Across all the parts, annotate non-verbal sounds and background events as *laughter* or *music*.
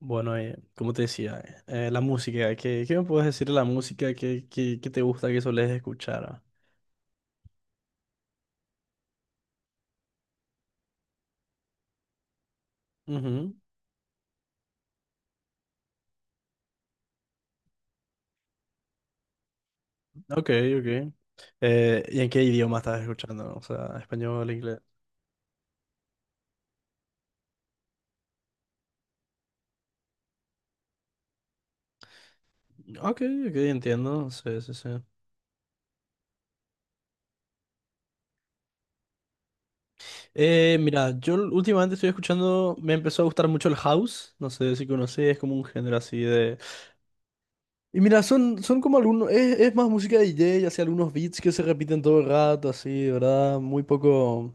Bueno, como te decía, la música, qué me puedes decir de la música que te gusta que solés escuchar? Ujú. Ok, ok. ¿Y en qué idioma estás escuchando? O sea, español, inglés. Ok, ok, entiendo. Sí, sí, sí. Mira, últimamente estoy escuchando, me empezó a gustar mucho el house, no sé si conoces, es como un género así de... Y mira, son como algunos, es más música de DJ, así algunos beats que se repiten todo el rato, así, ¿verdad? Muy poco...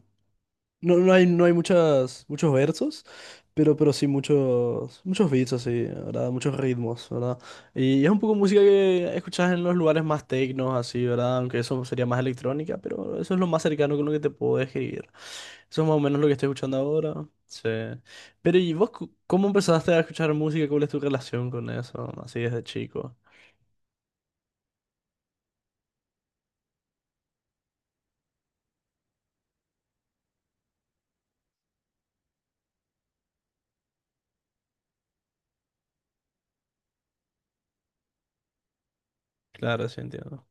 No hay muchos versos, pero sí muchos beats así, ¿verdad? Muchos ritmos, ¿verdad? Y es un poco música que escuchas en los lugares más tecnos, así, ¿verdad? Aunque eso sería más electrónica, pero eso es lo más cercano con lo que te puedo describir. Eso es más o menos lo que estoy escuchando ahora. Sí. Pero ¿y vos cómo empezaste a escuchar música? ¿Cuál es tu relación con eso? Así desde chico. Claro, sí, entiendo.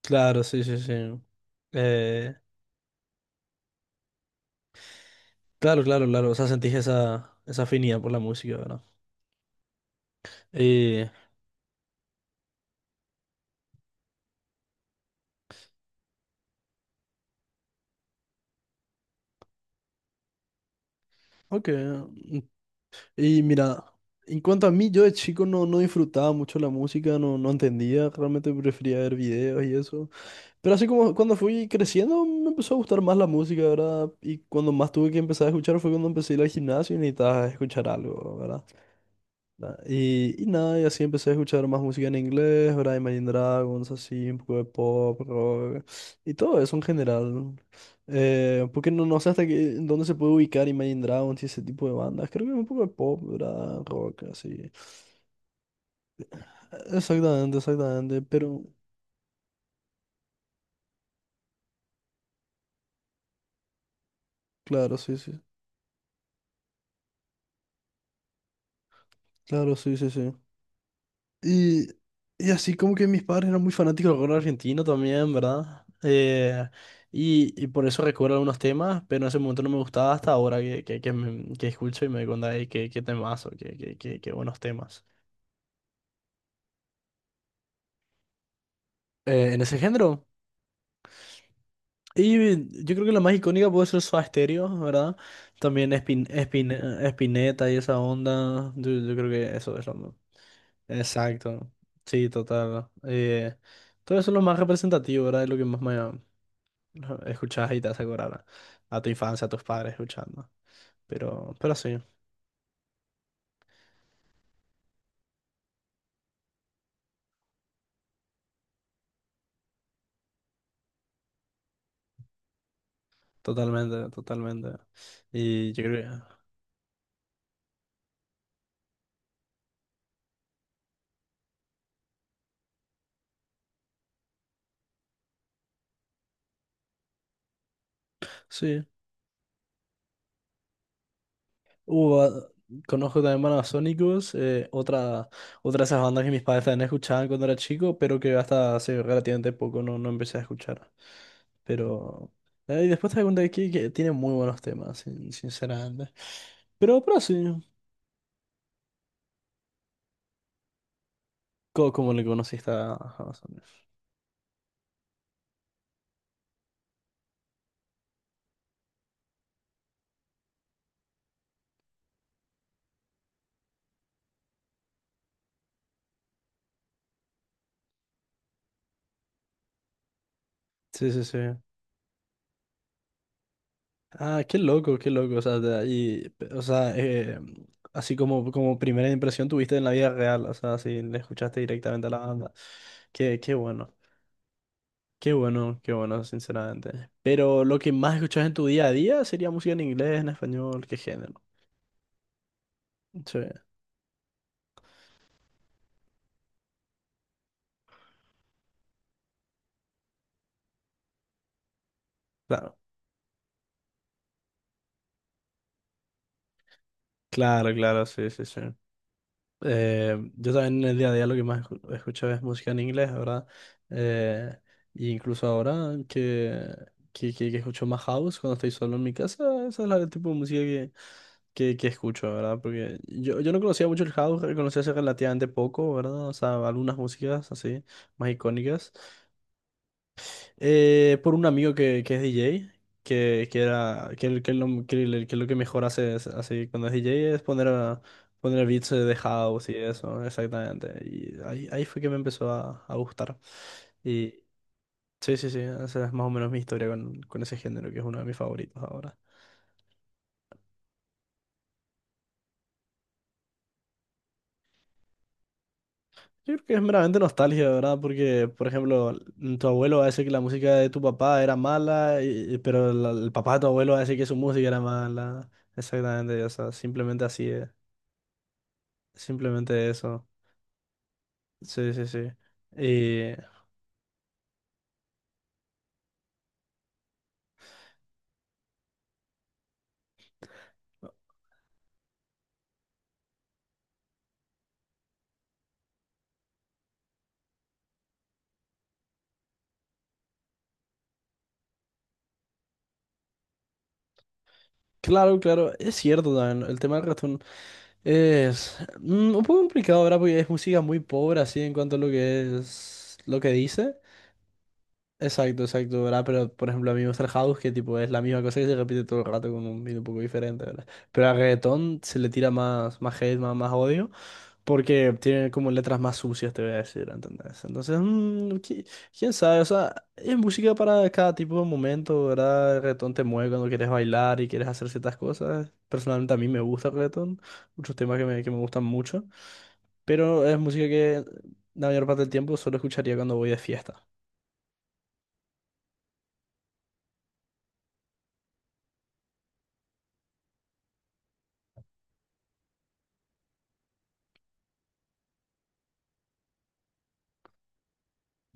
Claro, sí, sí, sí. Eh, claro, claro, claro. O sea, sentís esa afinidad por la música, ¿verdad? Eh, ok. Y mira, en cuanto a mí, yo de chico no disfrutaba mucho la música, no entendía, realmente prefería ver videos y eso. Pero así como cuando fui creciendo, me empezó a gustar más la música, ¿verdad? Y cuando más tuve que empezar a escuchar fue cuando empecé a ir al gimnasio y necesitaba escuchar algo, ¿verdad? Y nada, y así empecé a escuchar más música en inglés, ¿verdad? Imagine Dragons, así, un poco de pop, rock, y todo eso en general. Porque no sé hasta qué, en dónde se puede ubicar Imagine Dragons y ese tipo de bandas. Creo que un poco de pop, ¿verdad? Rock, así. Exactamente, exactamente, pero claro, sí, sí. Claro, sí, sí, sí. Y, y así como que mis padres eran muy fanáticos del rock argentino también, ¿verdad? Y por eso recuerdo algunos temas, pero en ese momento no me gustaba hasta ahora que escucho y me doy cuenta de qué temazo, qué buenos temas. En ese género. Y yo creo que la más icónica puede ser Soda Stereo, ¿verdad? También Spinetta y esa onda. Yo creo que eso es lo más. Exacto. Sí, total. Todo eso es lo más representativo, ¿verdad? Es lo que más me... *laughs* Escuchas y te hace acordar a tu infancia, a tus padres escuchando. Pero sí, totalmente, totalmente. Y yo creo que sí. Ah, conozco también bandas Sonicus, otra, otra de esas bandas que mis padres también escuchaban cuando era chico, pero que hasta hace relativamente poco no empecé a escuchar. Pero. Eh, y después te das cuenta que tiene muy buenos temas, sinceramente. Pero sí, como le conociste a... Sí, sí, sí. Ah, qué loco, qué loco. O sea, de ahí, o sea, así como primera impresión tuviste en la vida real, o sea, si le escuchaste directamente a la banda. Qué bueno, qué bueno, qué bueno, sinceramente. Pero lo que más escuchas en tu día a día sería música en inglés, en español, qué género. Sí, claro. Claro, claro, sí, sí, sí. Yo también en el día a día lo que más escucho es música en inglés, ¿verdad? Eh, y incluso ahora que escucho más house cuando estoy solo en mi casa, esa es el tipo de música que escucho, ¿verdad? Porque yo no conocía mucho el house, conocí hace relativamente poco, ¿verdad? O sea, algunas músicas así, más icónicas, por un amigo que es DJ, que era, que, el- que él lo, que, el- que lo que mejor hace así cuando es DJ es poner, poner beats de house y eso, exactamente. Y ahí fue que me empezó a gustar. Y sí, sí, sí, esa es más o menos mi historia con ese género, que es uno de mis favoritos ahora. Yo creo que es meramente nostalgia, ¿verdad? Porque, por ejemplo, tu abuelo va a decir que la música de tu papá era mala, pero el papá de tu abuelo va a decir que su música era mala. Exactamente, o sea, simplemente así. Es. Simplemente eso. Sí, sí, sí. Eh, claro, claro, es cierto también. El tema del reggaetón es un poco complicado, ¿verdad? Porque es música muy pobre así en cuanto a lo que es lo que dice. Exacto, exacto, ¿verdad? Pero por ejemplo a mí me gusta el house que tipo es la misma cosa que se repite todo el rato con un beat un poco diferente, ¿verdad? Pero al reggaetón se le tira más, más hate, más odio. Porque tiene como letras más sucias, te voy a decir, ¿entendés? Entonces, quién sabe, o sea, es música para cada tipo de momento, ¿verdad? El reggaetón te mueve cuando quieres bailar y quieres hacer ciertas cosas. Personalmente a mí me gusta el reggaetón, muchos temas que me gustan mucho, pero es música que la mayor parte del tiempo solo escucharía cuando voy de fiesta.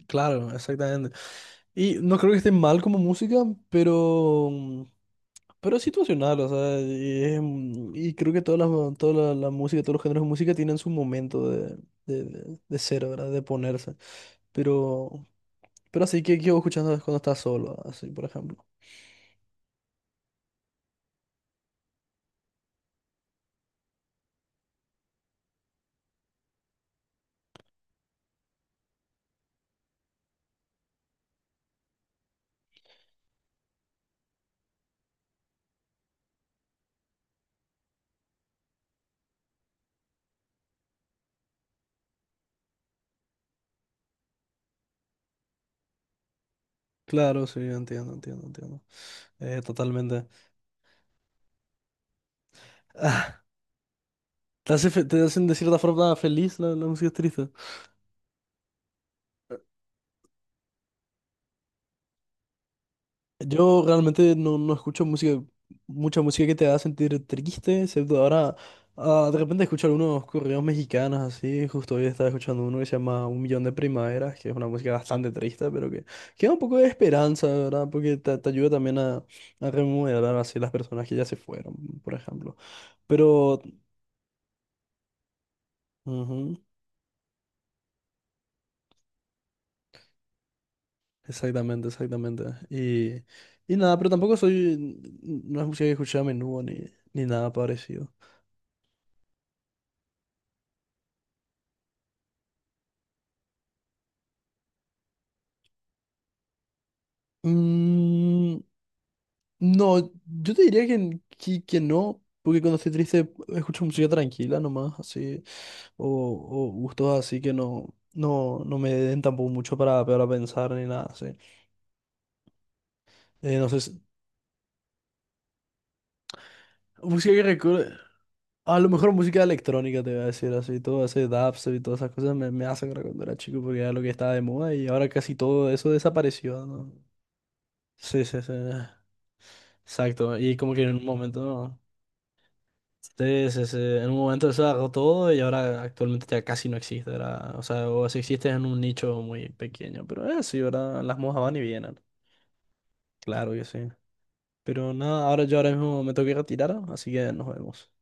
Claro, exactamente. Y no creo que esté mal como música, pero mm. Pero es situacional, o sea, y creo que todas las, toda la música, todos los géneros de música tienen su momento de ser, ¿verdad? De ponerse. Pero, pero así que yo escuchando es cuando estás solo, así, por ejemplo. Claro, sí, entiendo, entiendo, entiendo. Totalmente. *laughs* Ah, te hace te hacen de cierta forma feliz la música triste. Yo realmente no escucho música, mucha música que te haga sentir triste, excepto ahora, ah, de repente escucho algunos corridos mexicanos así, justo hoy estaba escuchando uno que se llama Un Millón de Primaveras, que es una música bastante triste, que da un poco de esperanza, ¿verdad? Porque te ayuda también a remodelar así las personas que ya se fueron, por ejemplo. Pero, ujú, exactamente, exactamente. Y, y nada, pero tampoco soy, no es música que escuché a menudo ni, ni nada parecido. Mm. No, yo te diría que no, porque cuando estoy triste escucho música tranquila nomás, así, o, o gustos así que no me den tampoco mucho para pensar ni nada, así. No sé, música que recuerde, a lo mejor música electrónica te voy a decir, así, todo ese dubstep y todas esas cosas me, me hacen recordar cuando era chico, porque era lo que estaba de moda y ahora casi todo eso desapareció, ¿no? Sí, sí, sí, exacto, y como que en un momento... ¿no? Sí, sí, sí. En un momento se agarró todo y ahora actualmente ya casi no existe, ¿verdad? O sea, o si existe es en un nicho muy pequeño. Pero sí, ¿verdad? Las mojas van y vienen. Claro que sí. Pero nada, ahora yo ahora mismo me tengo que retirar, así que nos vemos.